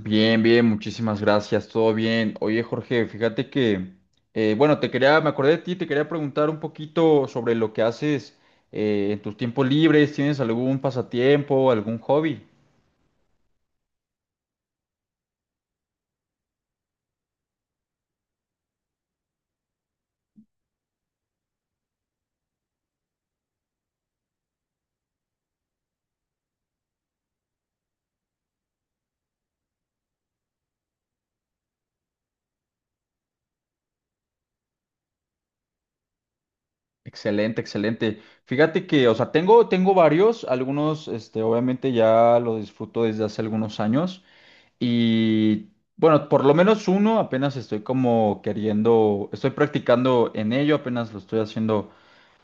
Bien, bien, muchísimas gracias, todo bien. Oye, Jorge, fíjate que, bueno, me acordé de ti, te quería preguntar un poquito sobre lo que haces en tus tiempos libres. ¿Tienes algún pasatiempo, algún hobby? Excelente, excelente. Fíjate que, o sea, tengo varios, algunos, este, obviamente ya lo disfruto desde hace algunos años y, bueno, por lo menos uno apenas estoy como queriendo, estoy practicando en ello, apenas lo estoy haciendo,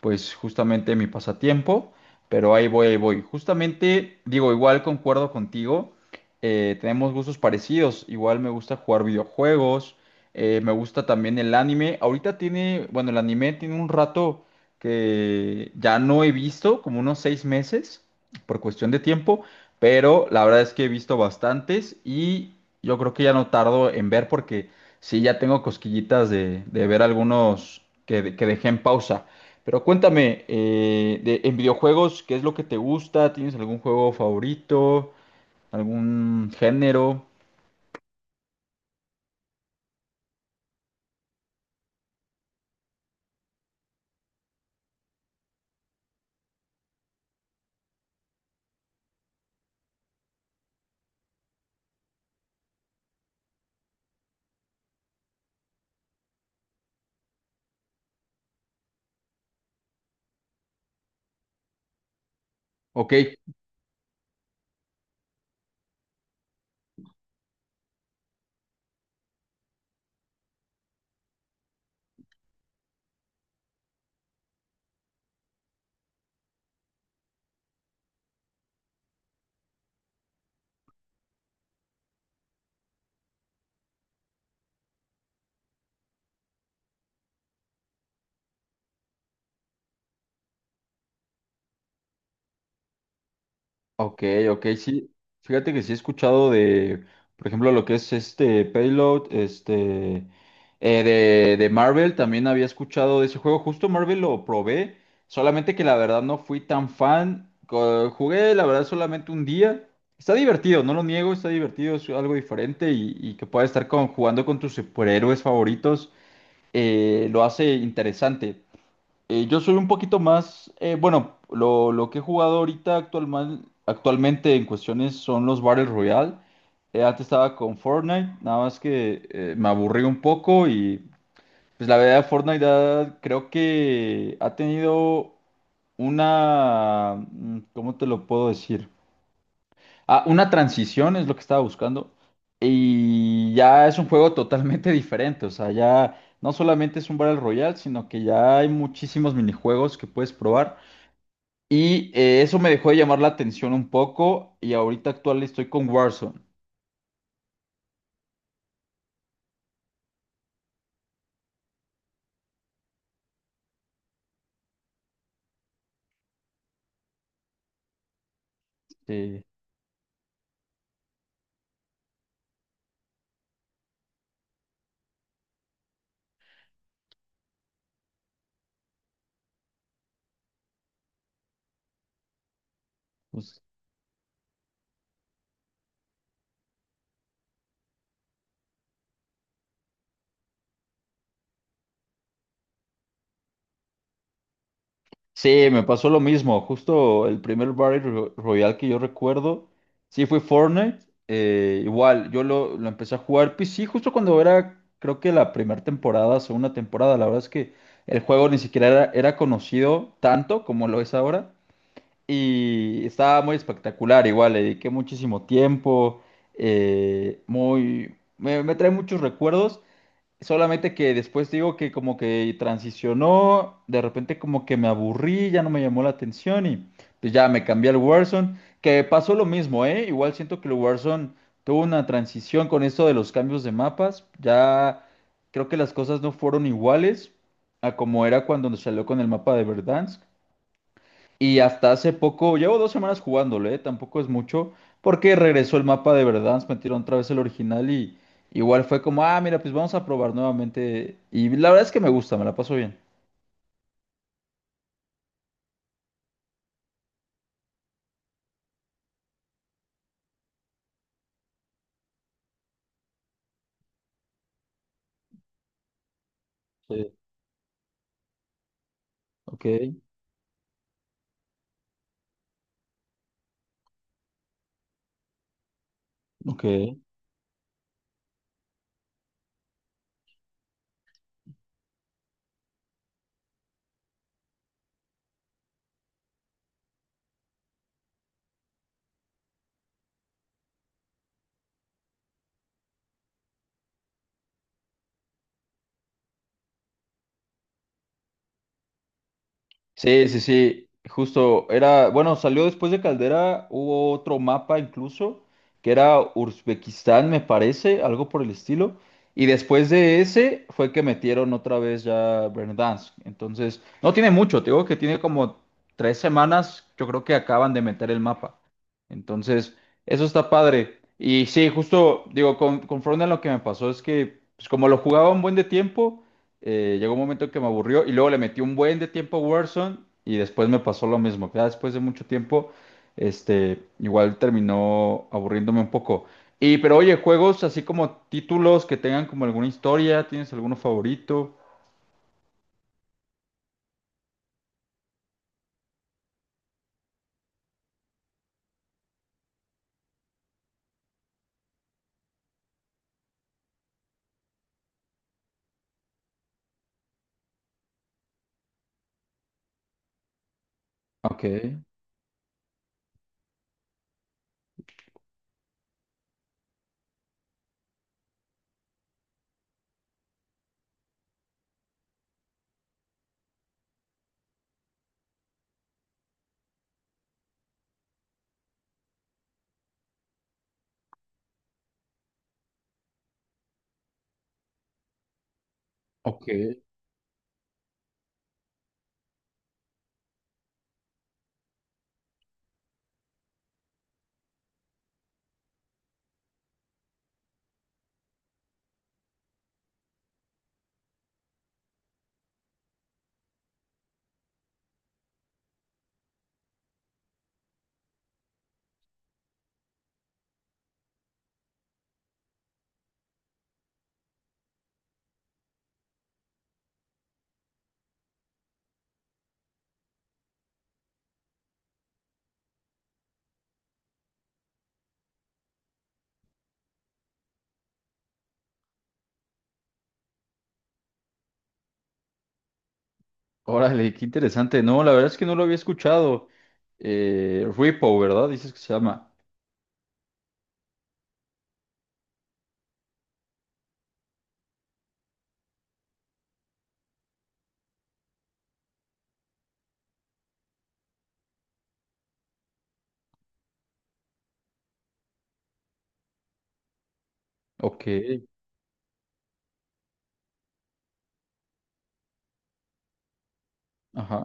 pues, justamente mi pasatiempo, pero ahí voy, ahí voy. Justamente, digo, igual concuerdo contigo, tenemos gustos parecidos, igual me gusta jugar videojuegos, me gusta también el anime, ahorita tiene, bueno, el anime tiene un rato que ya no he visto, como unos seis meses, por cuestión de tiempo, pero la verdad es que he visto bastantes y yo creo que ya no tardo en ver porque sí, ya tengo cosquillitas de ver algunos que, que dejé en pausa. Pero cuéntame, en videojuegos, ¿qué es lo que te gusta? ¿Tienes algún juego favorito? ¿Algún género? Ok. Ok, ok, sí. Fíjate que sí he escuchado de, por ejemplo, lo que es este Payload, este, de Marvel, también había escuchado de ese juego. Justo Marvel lo probé, solamente que la verdad no fui tan fan. Jugué, la verdad, solamente un día. Está divertido, no lo niego, está divertido, es algo diferente y que pueda estar con, jugando con tus superhéroes favoritos, lo hace interesante. Yo soy un poquito más, bueno, lo que he jugado ahorita actualmente en cuestiones son los Battle Royale. Antes estaba con Fortnite, nada más que me aburrí un poco y pues la verdad creo que ha tenido una, ¿cómo te lo puedo decir? Ah, una transición es lo que estaba buscando. Y ya es un juego totalmente diferente. O sea, ya no solamente es un Battle Royale, sino que ya hay muchísimos minijuegos que puedes probar. Y eso me dejó de llamar la atención un poco. Y ahorita actual estoy con Warzone. Eh, pues, Sí, me pasó lo mismo. Justo el primer Royale que yo recuerdo, sí fue Fortnite. Igual, lo empecé a jugar PC justo cuando era, creo que la primera temporada, segunda temporada. La verdad es que el juego ni siquiera era conocido tanto como lo es ahora. Y estaba muy espectacular, igual, le dediqué muchísimo tiempo. Me trae muchos recuerdos. Solamente que después digo que como que transicionó, de repente como que me aburrí, ya no me llamó la atención y pues ya me cambié al Warzone, que pasó lo mismo, ¿eh? Igual siento que el Warzone tuvo una transición con esto de los cambios de mapas, ya creo que las cosas no fueron iguales a como era cuando nos salió con el mapa de Verdansk. Y hasta hace poco, llevo dos semanas jugándolo, ¿eh? Tampoco es mucho, porque regresó el mapa de Verdansk, metieron otra vez el original y igual fue como, ah, mira, pues vamos a probar nuevamente. Y la verdad es que me gusta, me la paso bien. Sí. Ok, ok. Sí, sí, sí, justo era, bueno, salió después de Caldera, hubo otro mapa incluso, que era Uzbekistán, me parece, algo por el estilo, y después de ese fue que metieron otra vez ya Verdansk, entonces, no tiene mucho, te digo que tiene como tres semanas, yo creo que acaban de meter el mapa, entonces, eso está padre, y sí, justo, digo, con, conforme a lo que me pasó, es que, pues como lo jugaba un buen de tiempo, llegó un momento que me aburrió y luego le metí un buen de tiempo a Warzone y después me pasó lo mismo. Ya después de mucho tiempo, este, igual terminó aburriéndome un poco. Y, pero oye, juegos así como títulos que tengan como alguna historia, ¿tienes alguno favorito? Ok, ok. Órale, qué interesante. No, la verdad es que no lo había escuchado. Repo, ¿verdad? Dices que se llama. Ok, ajá.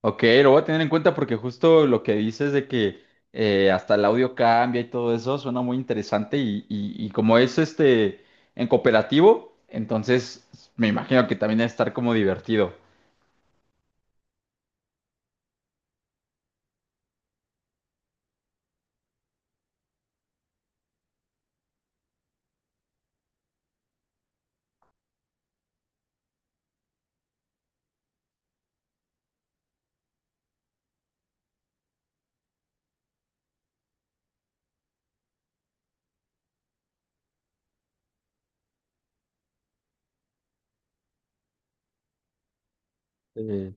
Ok, lo voy a tener en cuenta porque justo lo que dices de que hasta el audio cambia y todo eso suena muy interesante y como es este en cooperativo, entonces me imagino que también debe estar como divertido. Eh,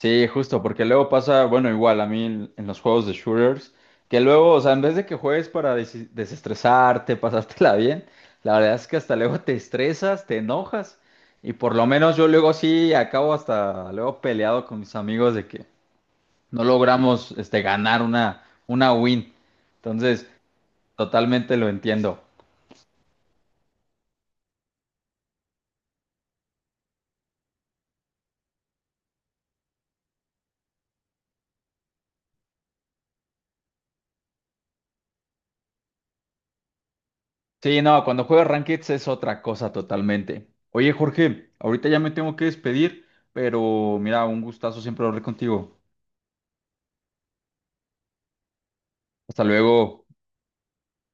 sí, justo, porque luego pasa, bueno, igual a mí en los juegos de shooters, que luego, o sea, en vez de que juegues para desestresarte, pasártela bien, la verdad es que hasta luego te estresas, te enojas y por lo menos yo luego sí acabo hasta luego peleado con mis amigos de que... no logramos este, ganar una win. Entonces, totalmente lo entiendo. Sí, no, cuando juegas Rankeds es otra cosa totalmente. Oye, Jorge, ahorita ya me tengo que despedir, pero mira, un gustazo siempre hablar contigo. Hasta luego.